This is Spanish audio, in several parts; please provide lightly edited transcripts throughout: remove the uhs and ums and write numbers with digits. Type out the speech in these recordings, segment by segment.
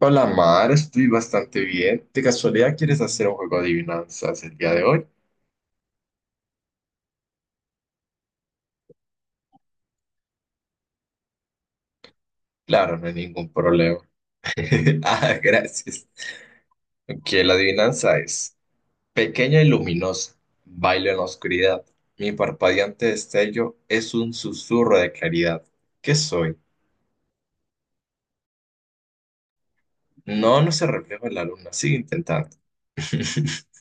Hola Mar, estoy bastante bien. ¿De casualidad quieres hacer un juego de adivinanzas el día de hoy? Claro, no hay ningún problema. Ah, gracias. Que la adivinanza es pequeña y luminosa, bailo en la oscuridad. Mi parpadeante destello es un susurro de claridad. ¿Qué soy? No, no se refleja en la luna, sigue intentando.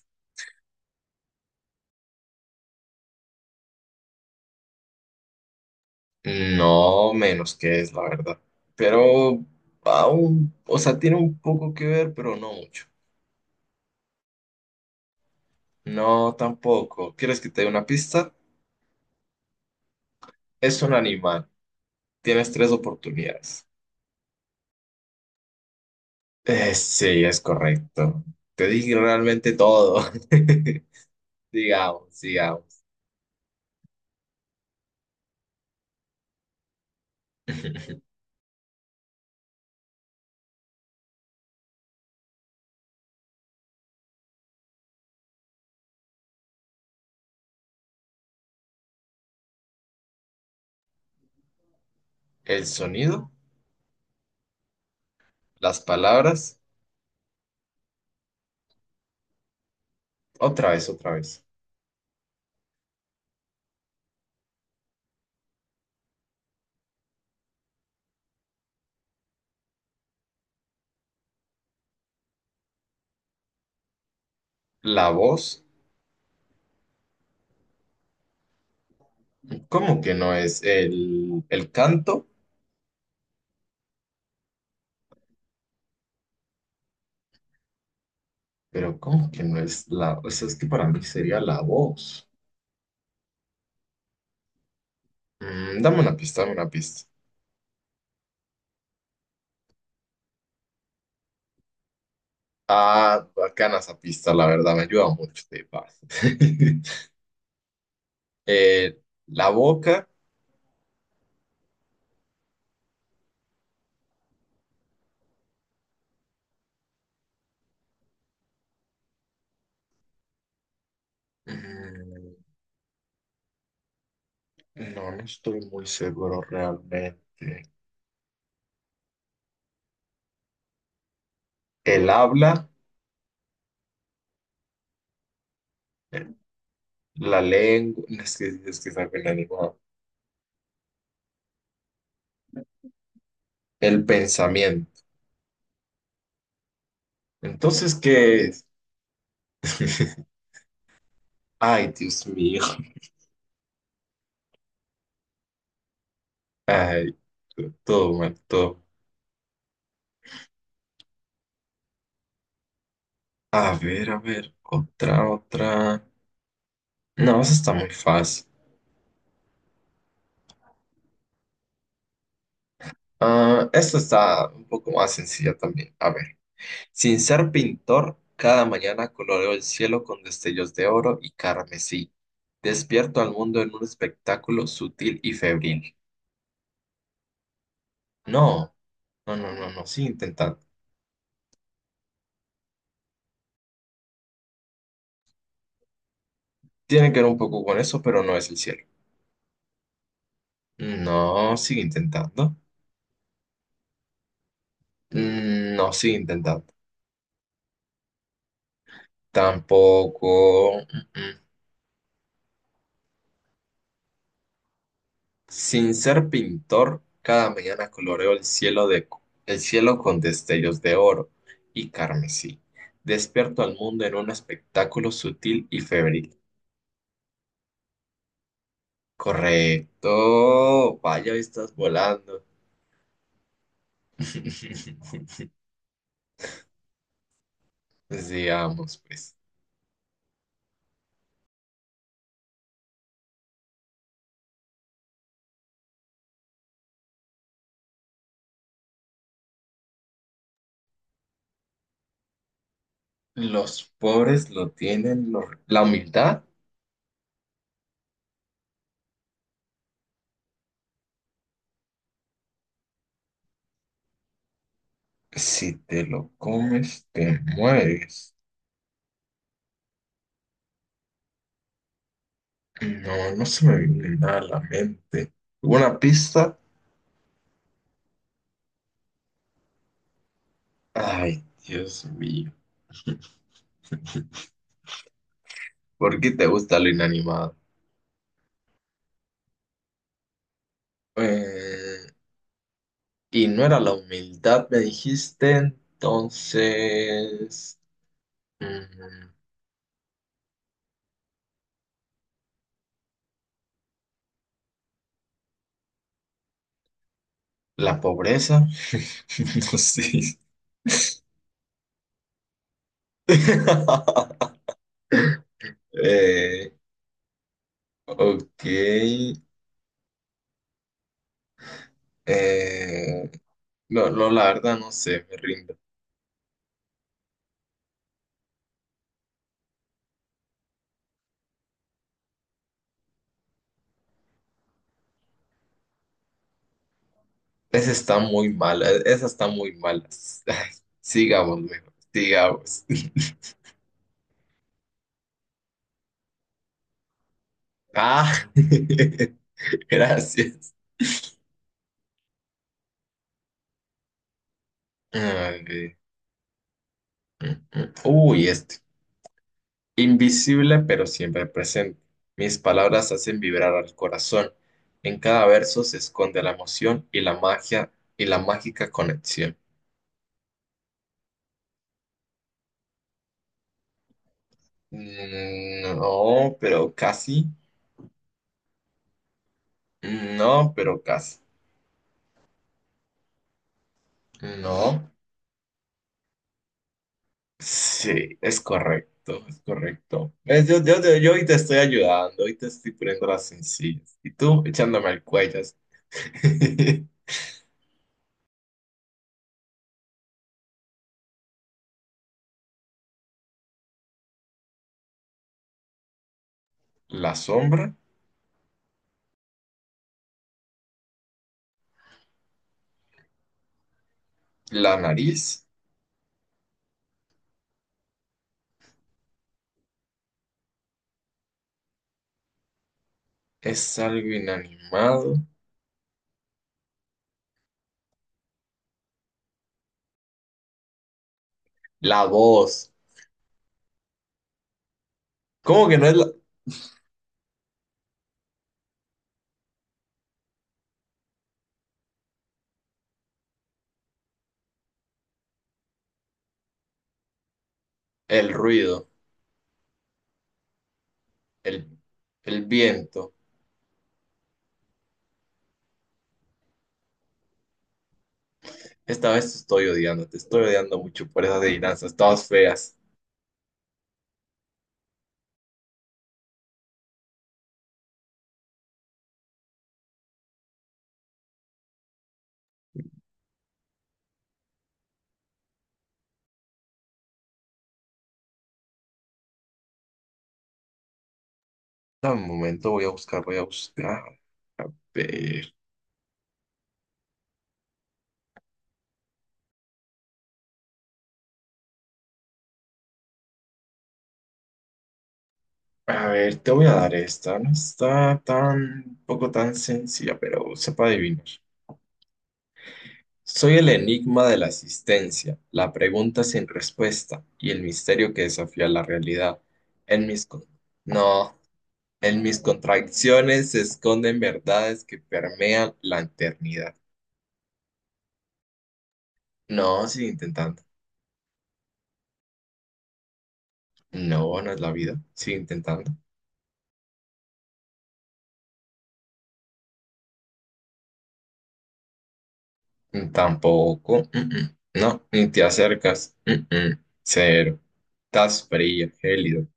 No menos que es, la verdad. Pero aún, o sea, tiene un poco que ver, pero no mucho. No, tampoco. ¿Quieres que te dé una pista? Es un animal. Tienes 3 oportunidades. Sí, es correcto. Te dije realmente todo. Digamos, sigamos. El sonido, las palabras, otra vez, otra vez. La voz, ¿cómo que no es el canto? Pero ¿cómo que no es la... O sea, es que para mí sería la voz. Mm, dame una pista, dame una pista. Ah, bacana esa pista, la verdad, me ayuda mucho, te paso. Eh, la boca, mm, no, no estoy muy seguro realmente. El habla, eh, la lengua, es que es algo inanimado. El pensamiento. Entonces, ¿qué es? Ay, Dios mío. Ay, todo mal, todo. A ver, otra, otra. No, esa está muy fácil. Ah, esta está un poco más sencilla también. A ver. Sin ser pintor, cada mañana coloreo el cielo con destellos de oro y carmesí. Despierto al mundo en un espectáculo sutil y febril. No, no, no, no, no, sigue intentando. Tiene que ver un poco con eso, pero no es el cielo. No, sigue intentando. Mm, no, sigue intentando. Tampoco. Mm, mm. Sin ser pintor, cada mañana coloreo el cielo con destellos de oro y carmesí. Despierto al mundo en un espectáculo sutil y febril. Correcto. Vaya, estás volando. Digamos, pues, los pobres lo tienen, la humildad, si te lo comes, te mueres. No, no se me viene nada a la mente. ¿Una pista? Ay, Dios mío. ¿Por qué te gusta lo inanimado? Eh, y no era la humildad, me dijiste, entonces... mm, la pobreza, no sé. Eh, ok. eh, no, no, la verdad no sé, me rindo. Esa está muy mala, esa está muy mala. Ay, sigamos, mejor, sigamos. Ah, gracias. Ay, mm, mm. Uy, este. Invisible pero siempre presente. Mis palabras hacen vibrar al corazón. En cada verso se esconde la emoción y la magia y la mágica conexión. Mm, no, pero casi. No, pero casi. No. Sí, es correcto, es correcto. ¿Ves? Yo hoy te estoy ayudando, hoy te estoy poniendo las sencillas. Y tú echándome al cuello. La sombra, la nariz, es algo inanimado. La voz. ¿Cómo que no es la- el ruido? El, el viento. Esta vez te estoy odiando mucho por esas adivinanzas, todas feas. Dame un momento, voy a buscar, voy a buscar. Ver, a ver, te voy a dar esta. No está tan, poco tan sencilla, pero sepa adivinar. Soy el enigma de la existencia, la pregunta sin respuesta y el misterio que desafía la realidad. En mis... no. En mis contradicciones se esconden verdades que permean la eternidad. No, sigue intentando. No, no es la vida. Sigue intentando. Mm, tampoco. Mm, mm. No, ni te acercas. Mm, mm. Cero. Estás frío, gélido.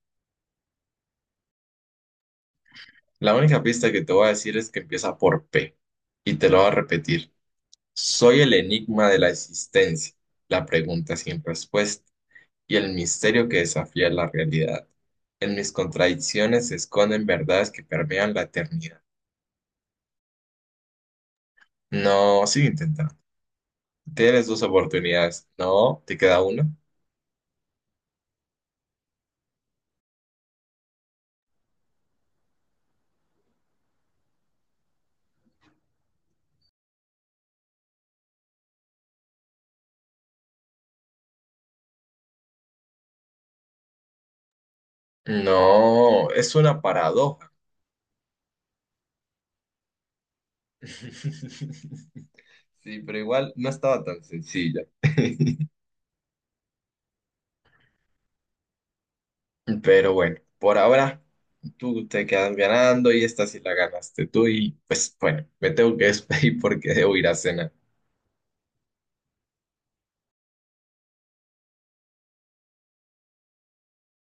La única pista que te voy a decir es que empieza por P. Y te lo voy a repetir. Soy el enigma de la existencia. La pregunta sin respuesta y el misterio que desafía la realidad. En mis contradicciones se esconden verdades que permean la eternidad. No, sigue intentando. Tienes 2 oportunidades. No, te queda una. No, es una paradoja. Sí, pero igual no estaba tan sencilla. Pero bueno, por ahora tú te quedas ganando y esta sí la ganaste tú y pues bueno, me tengo que despedir porque debo ir a cenar.